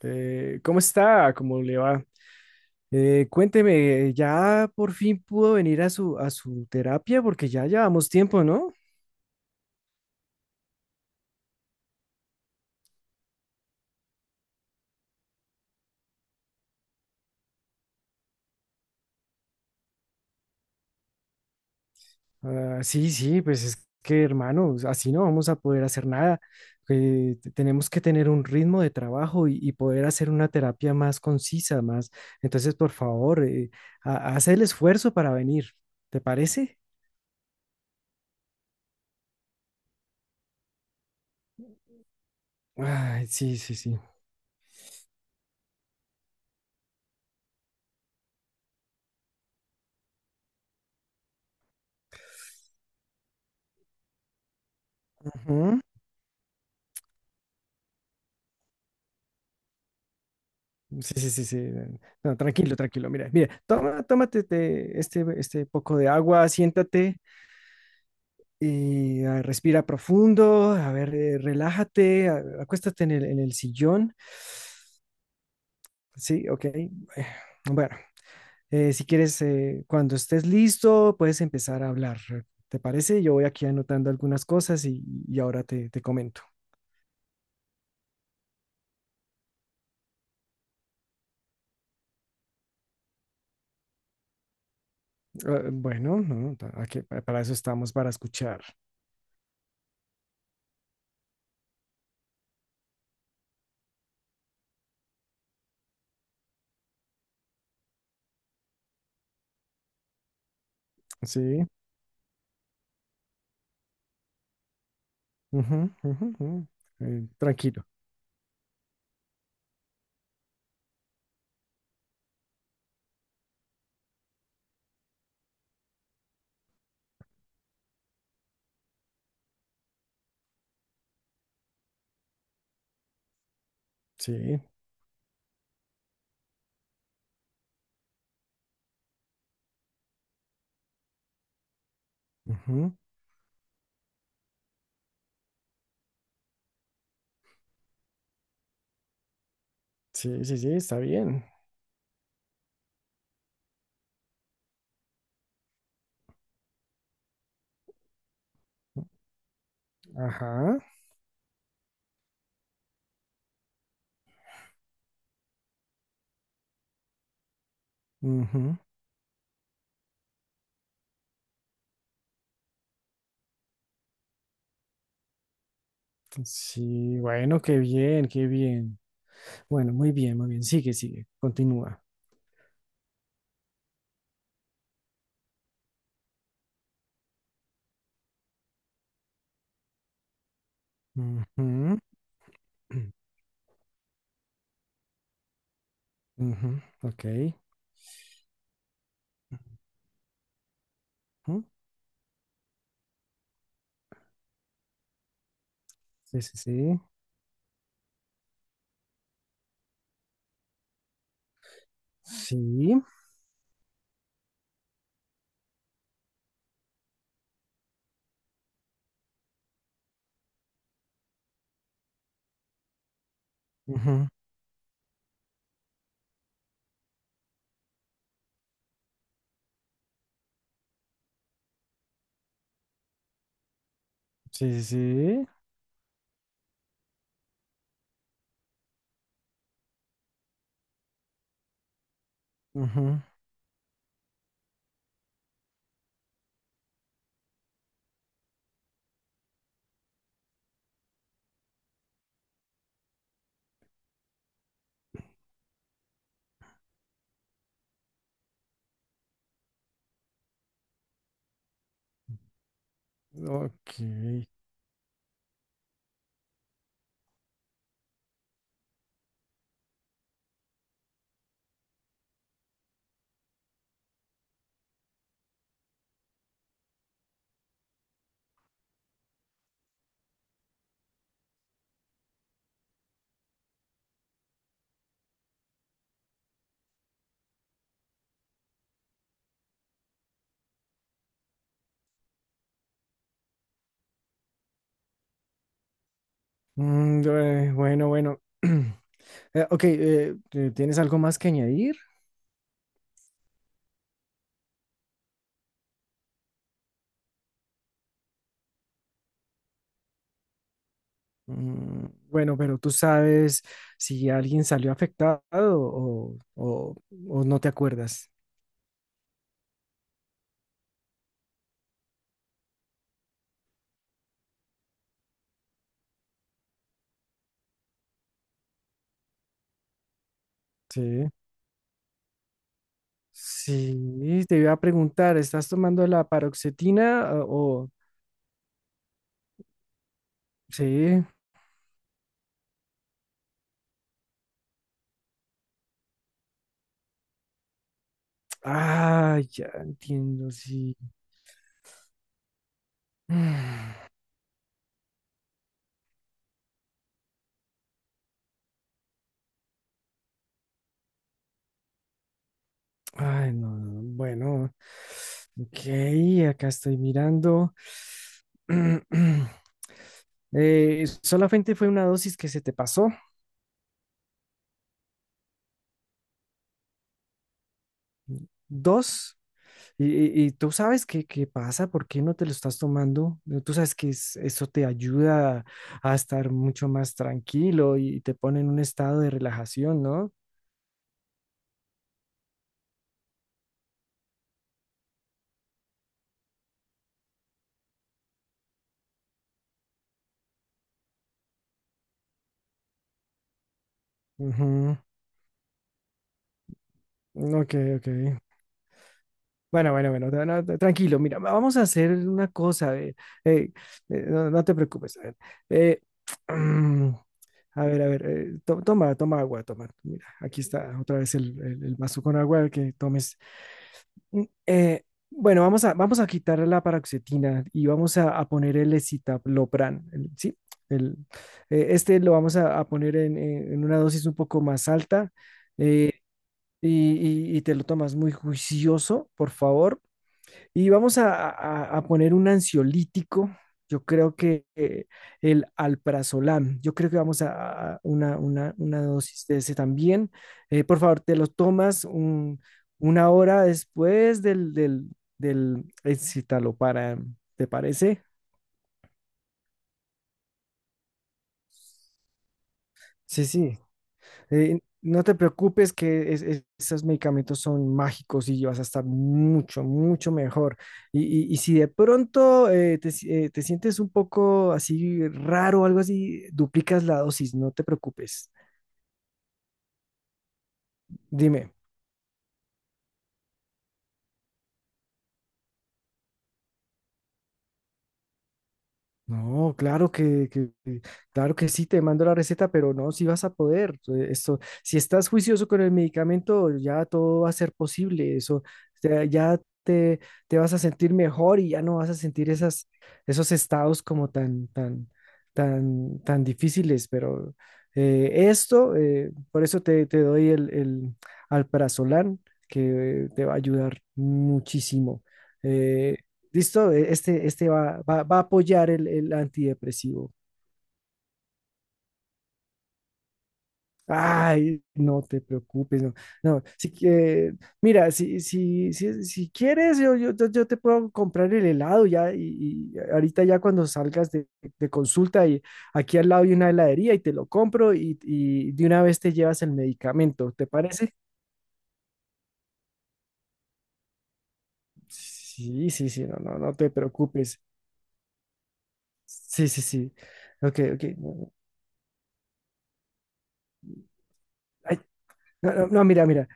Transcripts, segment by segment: ¿Cómo está? ¿Cómo le va? Cuénteme, ¿ya por fin pudo venir a su terapia? Porque ya llevamos tiempo, ¿no? Ah, sí, sí, pues es que, hermano, así no vamos a poder hacer nada. Tenemos que tener un ritmo de trabajo y poder hacer una terapia más concisa, más. Entonces, por favor, haz el esfuerzo para venir. ¿Te parece? Ay, sí, sí, sí. Sí, sí, sí, sí. No, tranquilo, tranquilo. Mira, mira, toma, tómate este poco de agua, siéntate y respira profundo. A ver, relájate, acuéstate en el sillón. Sí, ok. Bueno, si quieres, cuando estés listo, puedes empezar a hablar. ¿Te parece? Yo voy aquí anotando algunas cosas y ahora te comento. Ah, bueno, no, para eso estamos, para escuchar. Sí. Ujú, ujú, ujú. Tranquilo. Sí, ujú, sí, sí, sí, está bien. Ajá. Ujú, sí, bueno, qué bien, qué bien. Bueno, muy bien, muy bien. Sigue, sigue, continúa. Ujú. Ujú. Ok. Ujú. Sí, sí, sí. Sí. Ujú. Sí, sí, sí. Ujú. Ok. Mm, bueno, bueno. Ok, ¿tienes algo más que añadir? Mm. Bueno, pero tú sabes si alguien salió afectado o no te acuerdas. Sí. Sí, te iba a preguntar, ¿estás tomando la paroxetina o...? Sí. Ah, ya entiendo, sí. Mm. Ay, no, no, bueno. Ok, acá estoy mirando. Solamente fue una dosis que se te pasó. Dos. Y tú sabes qué pasa, por qué no te lo estás tomando. Tú sabes que eso te ayuda a estar mucho más tranquilo y te pone en un estado de relajación, ¿no? Ujú. Ok, ok. Bueno, bueno, bueno, no, no, no, tranquilo, mira, vamos a hacer una cosa. Eh, no, no te preocupes. A ver, eh, mm, a ver, toma, toma agua, toma. Mira, aquí está otra vez el vaso con agua que tomes. Mm, eh, bueno, vamos a quitar la paroxetina y vamos a poner el escitalopram, ¿sí? El, este lo vamos a poner en una dosis un poco más alta, eh, y, y te lo tomas muy juicioso, por favor, y vamos a poner un ansiolítico. Yo creo que el alprazolam, yo creo que vamos a una dosis de ese también. Por favor, te lo tomas una hora después del escitalopram, ¿te parece? Sí, sí. No te preocupes que esos medicamentos son mágicos y vas a estar mucho, mucho mejor. Y, y si de pronto te, si- te sientes un poco así raro o algo así, duplicas la dosis, no te preocupes. Dime. No, claro que sí, te mando la receta, pero no, si vas a poder. Esto, si estás juicioso con el medicamento, ya todo va a ser posible. Eso, ya te vas a sentir mejor y ya no vas a sentir esos estados como tan, tan, tan, tan difíciles. Pero esto, por eso te doy el alprazolam, que te va a ayudar muchísimo. Eh, Listo, este va a apoyar el antidepresivo. Ay, no te preocupes, no, no, si, mira, si quieres, yo te puedo comprar el helado ya, y ahorita ya cuando salgas de consulta, y aquí al lado hay una heladería y te lo compro y de una vez te llevas el medicamento, ¿te parece? Sí, sí, sí, no, no, no te preocupes. Sí, sí, sí. Ok, ok. No, no. Ay, no, no, no, mira, mira.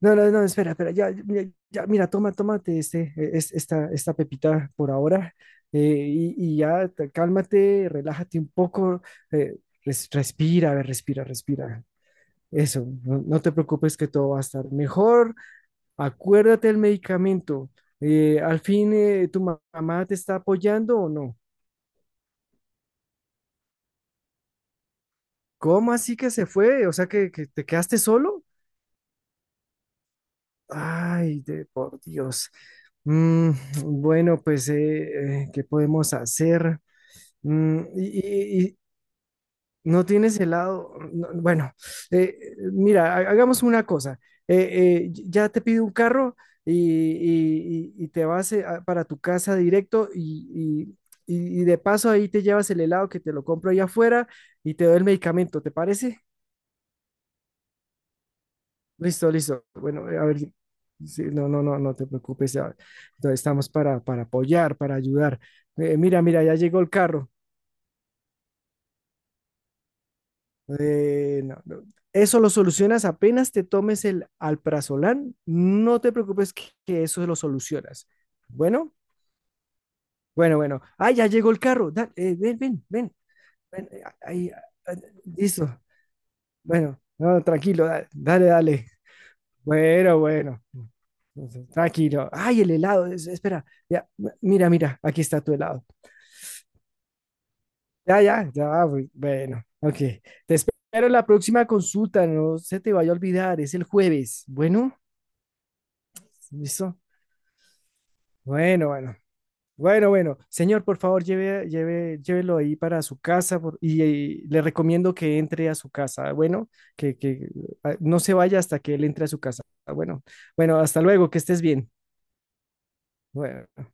No, no, no, espera, espera, ya, mira, toma, tómate esta pepita por ahora, eh, y cálmate, relájate un poco, eh, respira, a ver, respira, respira. Eso, no, no te preocupes que todo va a estar mejor. Acuérdate del medicamento. Al fin, ¿tu mamá te está apoyando o no? ¿Cómo así que se fue? O sea, que te quedaste solo. Ay, de por Dios. Mm, bueno, pues, ¿qué podemos hacer? Y no tienes helado. No, bueno, eh, mira, hagamos una cosa. Ya te pido un carro y te vas para tu casa directo y de paso ahí te llevas el helado que te lo compro allá afuera y te doy el medicamento, ¿te parece? Listo, listo. Bueno, a ver, sí, no, no, no, no te preocupes. Entonces estamos para apoyar, para ayudar. Mira, mira, ya llegó el carro. No, no. Eso lo solucionas apenas te tomes el alprazolam. No te preocupes que eso lo solucionas. Bueno, bueno, bueno. Ah, ya llegó el carro. Ven, ven, ven, ven, ahí, ah, listo. Bueno, no, tranquilo, dale, dale. Bueno, bueno. Entonces, tranquilo. Ay, el helado. Espera. Ya, mira, mira. Aquí está tu helado. Ya, ya, ya. Bueno, ok. Te espero en la próxima consulta. No se te vaya a olvidar. Es el jueves. Bueno, listo. Bueno, bueno. Bueno, bueno. Señor, por favor, lleve, lleve, llévelo ahí para su casa y le recomiendo que entre a su casa. Bueno, que no se vaya hasta que él entre a su casa. Bueno, bueno, hasta luego. Que estés bien. Bueno.